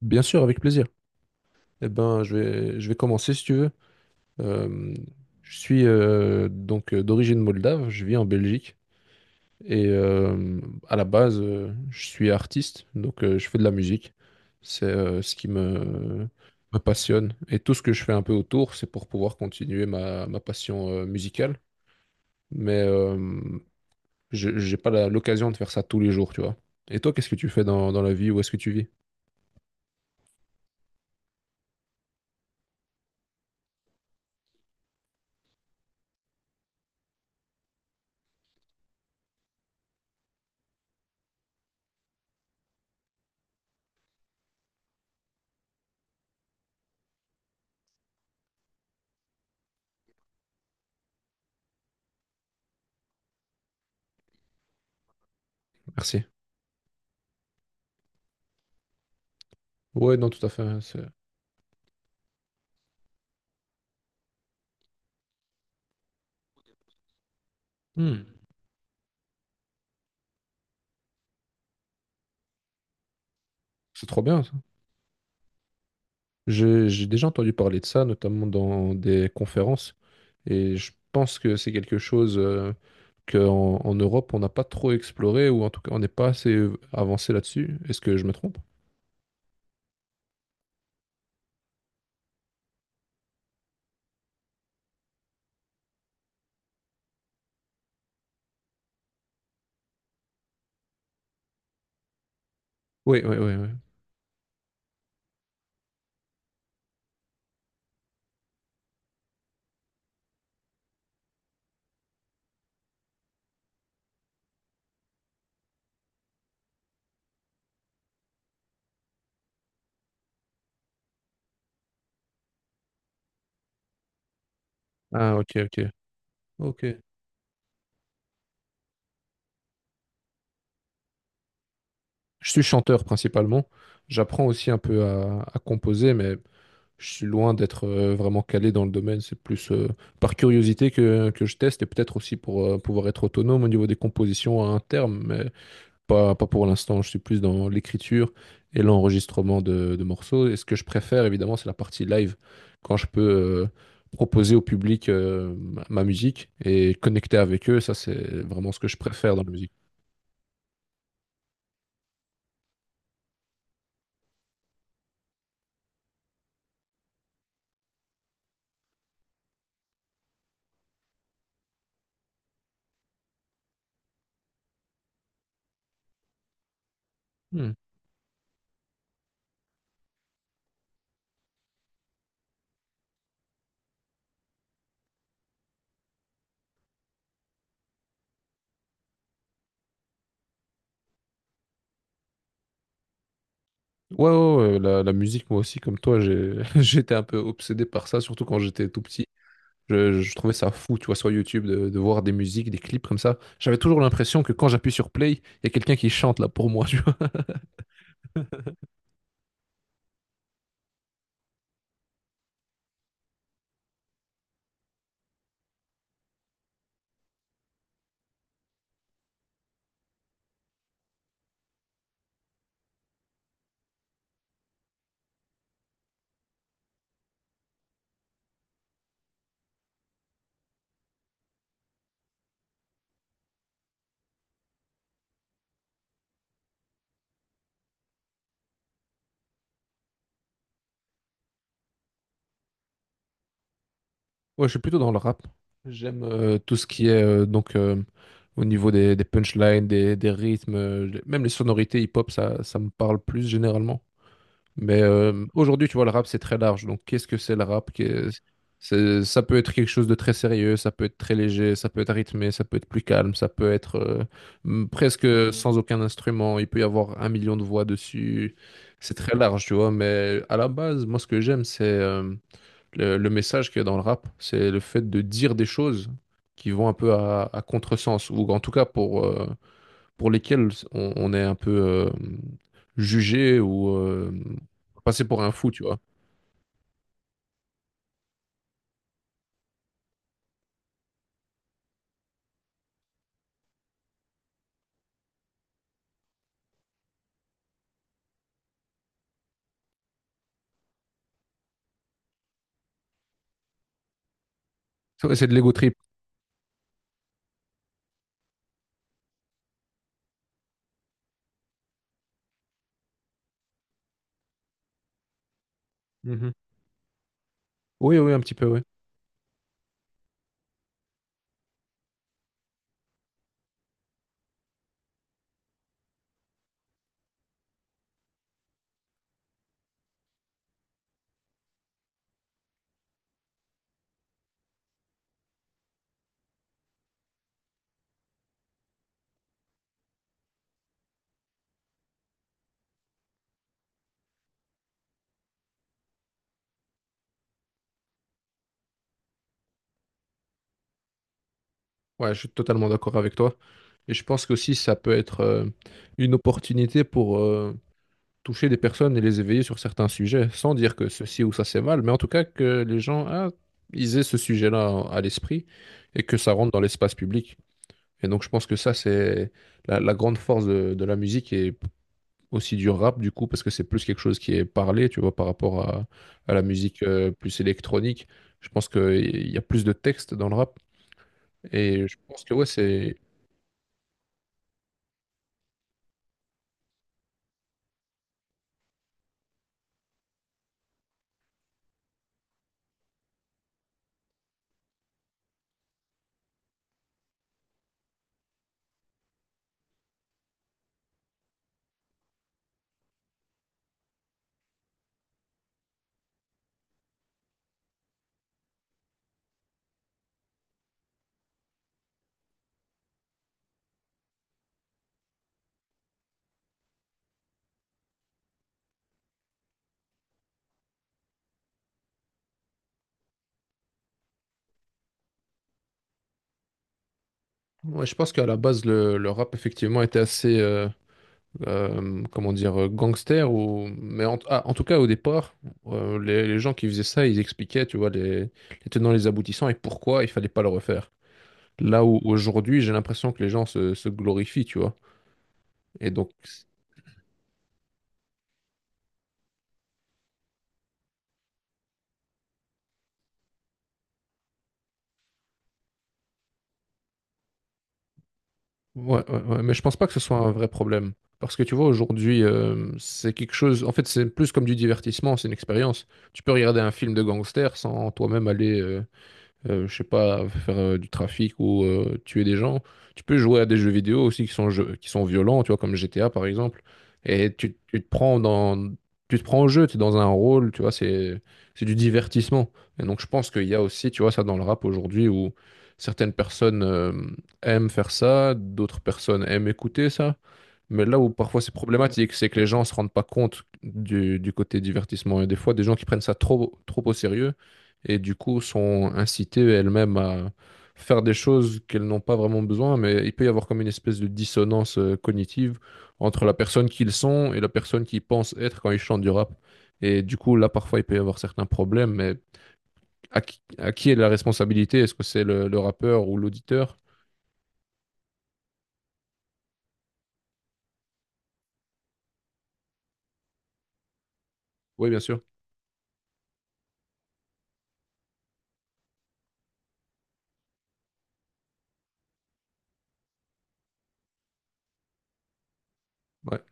Bien sûr, avec plaisir. Eh ben, je vais commencer si tu veux. Euh, je suis donc d'origine moldave, je vis en Belgique et à la base, je suis artiste, donc je fais de la musique. C'est ce qui me passionne, et tout ce que je fais un peu autour, c'est pour pouvoir continuer ma passion musicale. Mais j'ai pas l'occasion de faire ça tous les jours, tu vois. Et toi, qu'est-ce que tu fais dans la vie? Où est-ce que tu vis? Merci. Ouais, non, tout à fait, hein. C'est Hmm, c'est trop bien, ça. J'ai déjà entendu parler de ça, notamment dans des conférences. Et je pense que c'est quelque chose qu'en en Europe, on n'a pas trop exploré, ou en tout cas, on n'est pas assez avancé là-dessus. Est-ce que je me trompe? Oui, oui, oui, oui. Ah, ok, ok. Ok. Je suis chanteur principalement. J'apprends aussi un peu à composer, mais je suis loin d'être vraiment calé dans le domaine. C'est plus par curiosité que je teste et peut-être aussi pour pouvoir être autonome au niveau des compositions à un terme, mais pas, pas pour l'instant. Je suis plus dans l'écriture et l'enregistrement de morceaux. Et ce que je préfère, évidemment, c'est la partie live, quand je peux proposer au public ma musique et connecter avec eux. Ça, c'est vraiment ce que je préfère dans la musique. Hmm. Ouais, ouais, ouais, la musique, moi aussi, comme toi, j'ai, j'étais un peu obsédé par ça, surtout quand j'étais tout petit. Je trouvais ça fou, tu vois, sur YouTube, de voir des musiques, des clips comme ça. J'avais toujours l'impression que quand j'appuie sur play, il y a quelqu'un qui chante là pour moi, tu vois. Ouais, je suis plutôt dans le rap. J'aime tout ce qui est au niveau des punchlines, des rythmes, même les sonorités hip-hop, ça me parle plus généralement. Mais aujourd'hui, tu vois, le rap, c'est très large. Donc, qu'est-ce que c'est le rap? Ça peut être quelque chose de très sérieux, ça peut être très léger, ça peut être rythmé, ça peut être plus calme, ça peut être presque sans aucun instrument. Il peut y avoir un million de voix dessus. C'est très large, tu vois. Mais à la base, moi, ce que j'aime, c'est le message qu'il y a dans le rap. C'est le fait de dire des choses qui vont un peu à contresens, ou en tout cas pour lesquels on est un peu jugé ou passé pour un fou, tu vois. C'est de l'ego trip. Mhm. Oui, oui, un petit peu, oui. Ouais, je suis totalement d'accord avec toi. Et je pense qu'aussi, ça peut être une opportunité pour toucher des personnes et les éveiller sur certains sujets, sans dire que ceci ou ça c'est mal, mais en tout cas que les gens, ah, ils aient ce sujet-là à l'esprit et que ça rentre dans l'espace public. Et donc, je pense que ça, c'est la grande force de la musique et aussi du rap du coup parce que c'est plus quelque chose qui est parlé, tu vois, par rapport à la musique plus électronique. Je pense qu'il y a plus de texte dans le rap et je pense que ouais, c'est ouais, je pense qu'à la base le rap effectivement était assez comment dire gangster ou mais en, ah, en tout cas au départ les gens qui faisaient ça, ils expliquaient, tu vois, les tenants les aboutissants et pourquoi il fallait pas le refaire. Là où aujourd'hui, j'ai l'impression que les gens se glorifient, tu vois. Et donc, ouais, ouais, ouais, mais je pense pas que ce soit un vrai problème. Parce que tu vois, aujourd'hui, c'est quelque chose. En fait, c'est plus comme du divertissement, c'est une expérience. Tu peux regarder un film de gangster sans toi-même aller je sais pas, faire du trafic ou tuer des gens. Tu peux jouer à des jeux vidéo aussi qui sont violents, tu vois, comme GTA par exemple. Et tu te prends dans, tu te prends au jeu, tu es dans un rôle, tu vois, c'est du divertissement. Et donc je pense qu'il y a aussi, tu vois, ça dans le rap aujourd'hui où certaines personnes aiment faire ça, d'autres personnes aiment écouter ça. Mais là où parfois c'est problématique, c'est que les gens se rendent pas compte du côté divertissement. Et des fois, des gens qui prennent ça trop, trop au sérieux et du coup sont incitées elles-mêmes à faire des choses qu'elles n'ont pas vraiment besoin, mais il peut y avoir comme une espèce de dissonance cognitive entre la personne qu'ils sont et la personne qu'ils pensent être quand ils chantent du rap. Et du coup, là, parfois, il peut y avoir certains problèmes, mais à qui est la responsabilité? Est-ce que c'est le rappeur ou l'auditeur? Oui, bien sûr. Ouais.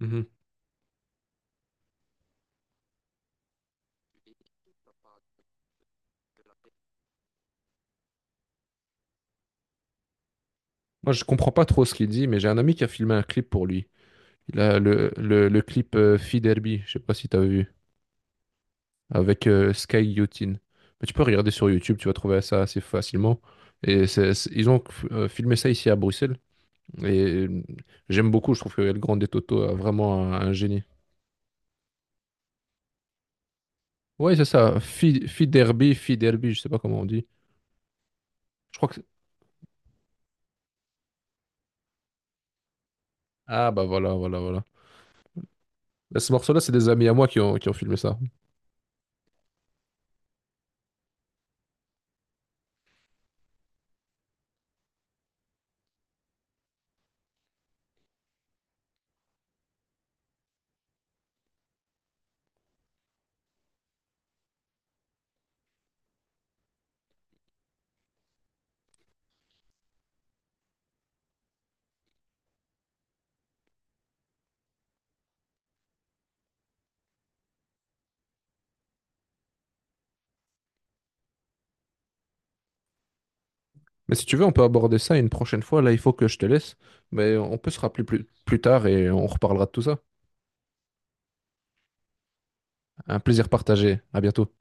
Mhm. Moi, je comprends pas trop ce qu'il dit, mais j'ai un ami qui a filmé un clip pour lui. Il a le, le clip Fee Derby, je sais pas si tu as vu, avec Sky Yotin. Mais tu peux regarder sur YouTube, tu vas trouver ça assez facilement. Et ils ont filmé ça ici à Bruxelles. Et j'aime beaucoup, je trouve que El Grande Toto a vraiment un génie. Ouais, c'est ça. Fi Derby, je sais pas comment on dit. Je crois que. Ah bah voilà, voilà, voilà. Là, ce morceau-là, c'est des amis à moi qui ont filmé ça. Mais si tu veux, on peut aborder ça une prochaine fois. Là, il faut que je te laisse. Mais on peut se rappeler plus, plus tard et on reparlera de tout ça. Un plaisir partagé. À bientôt.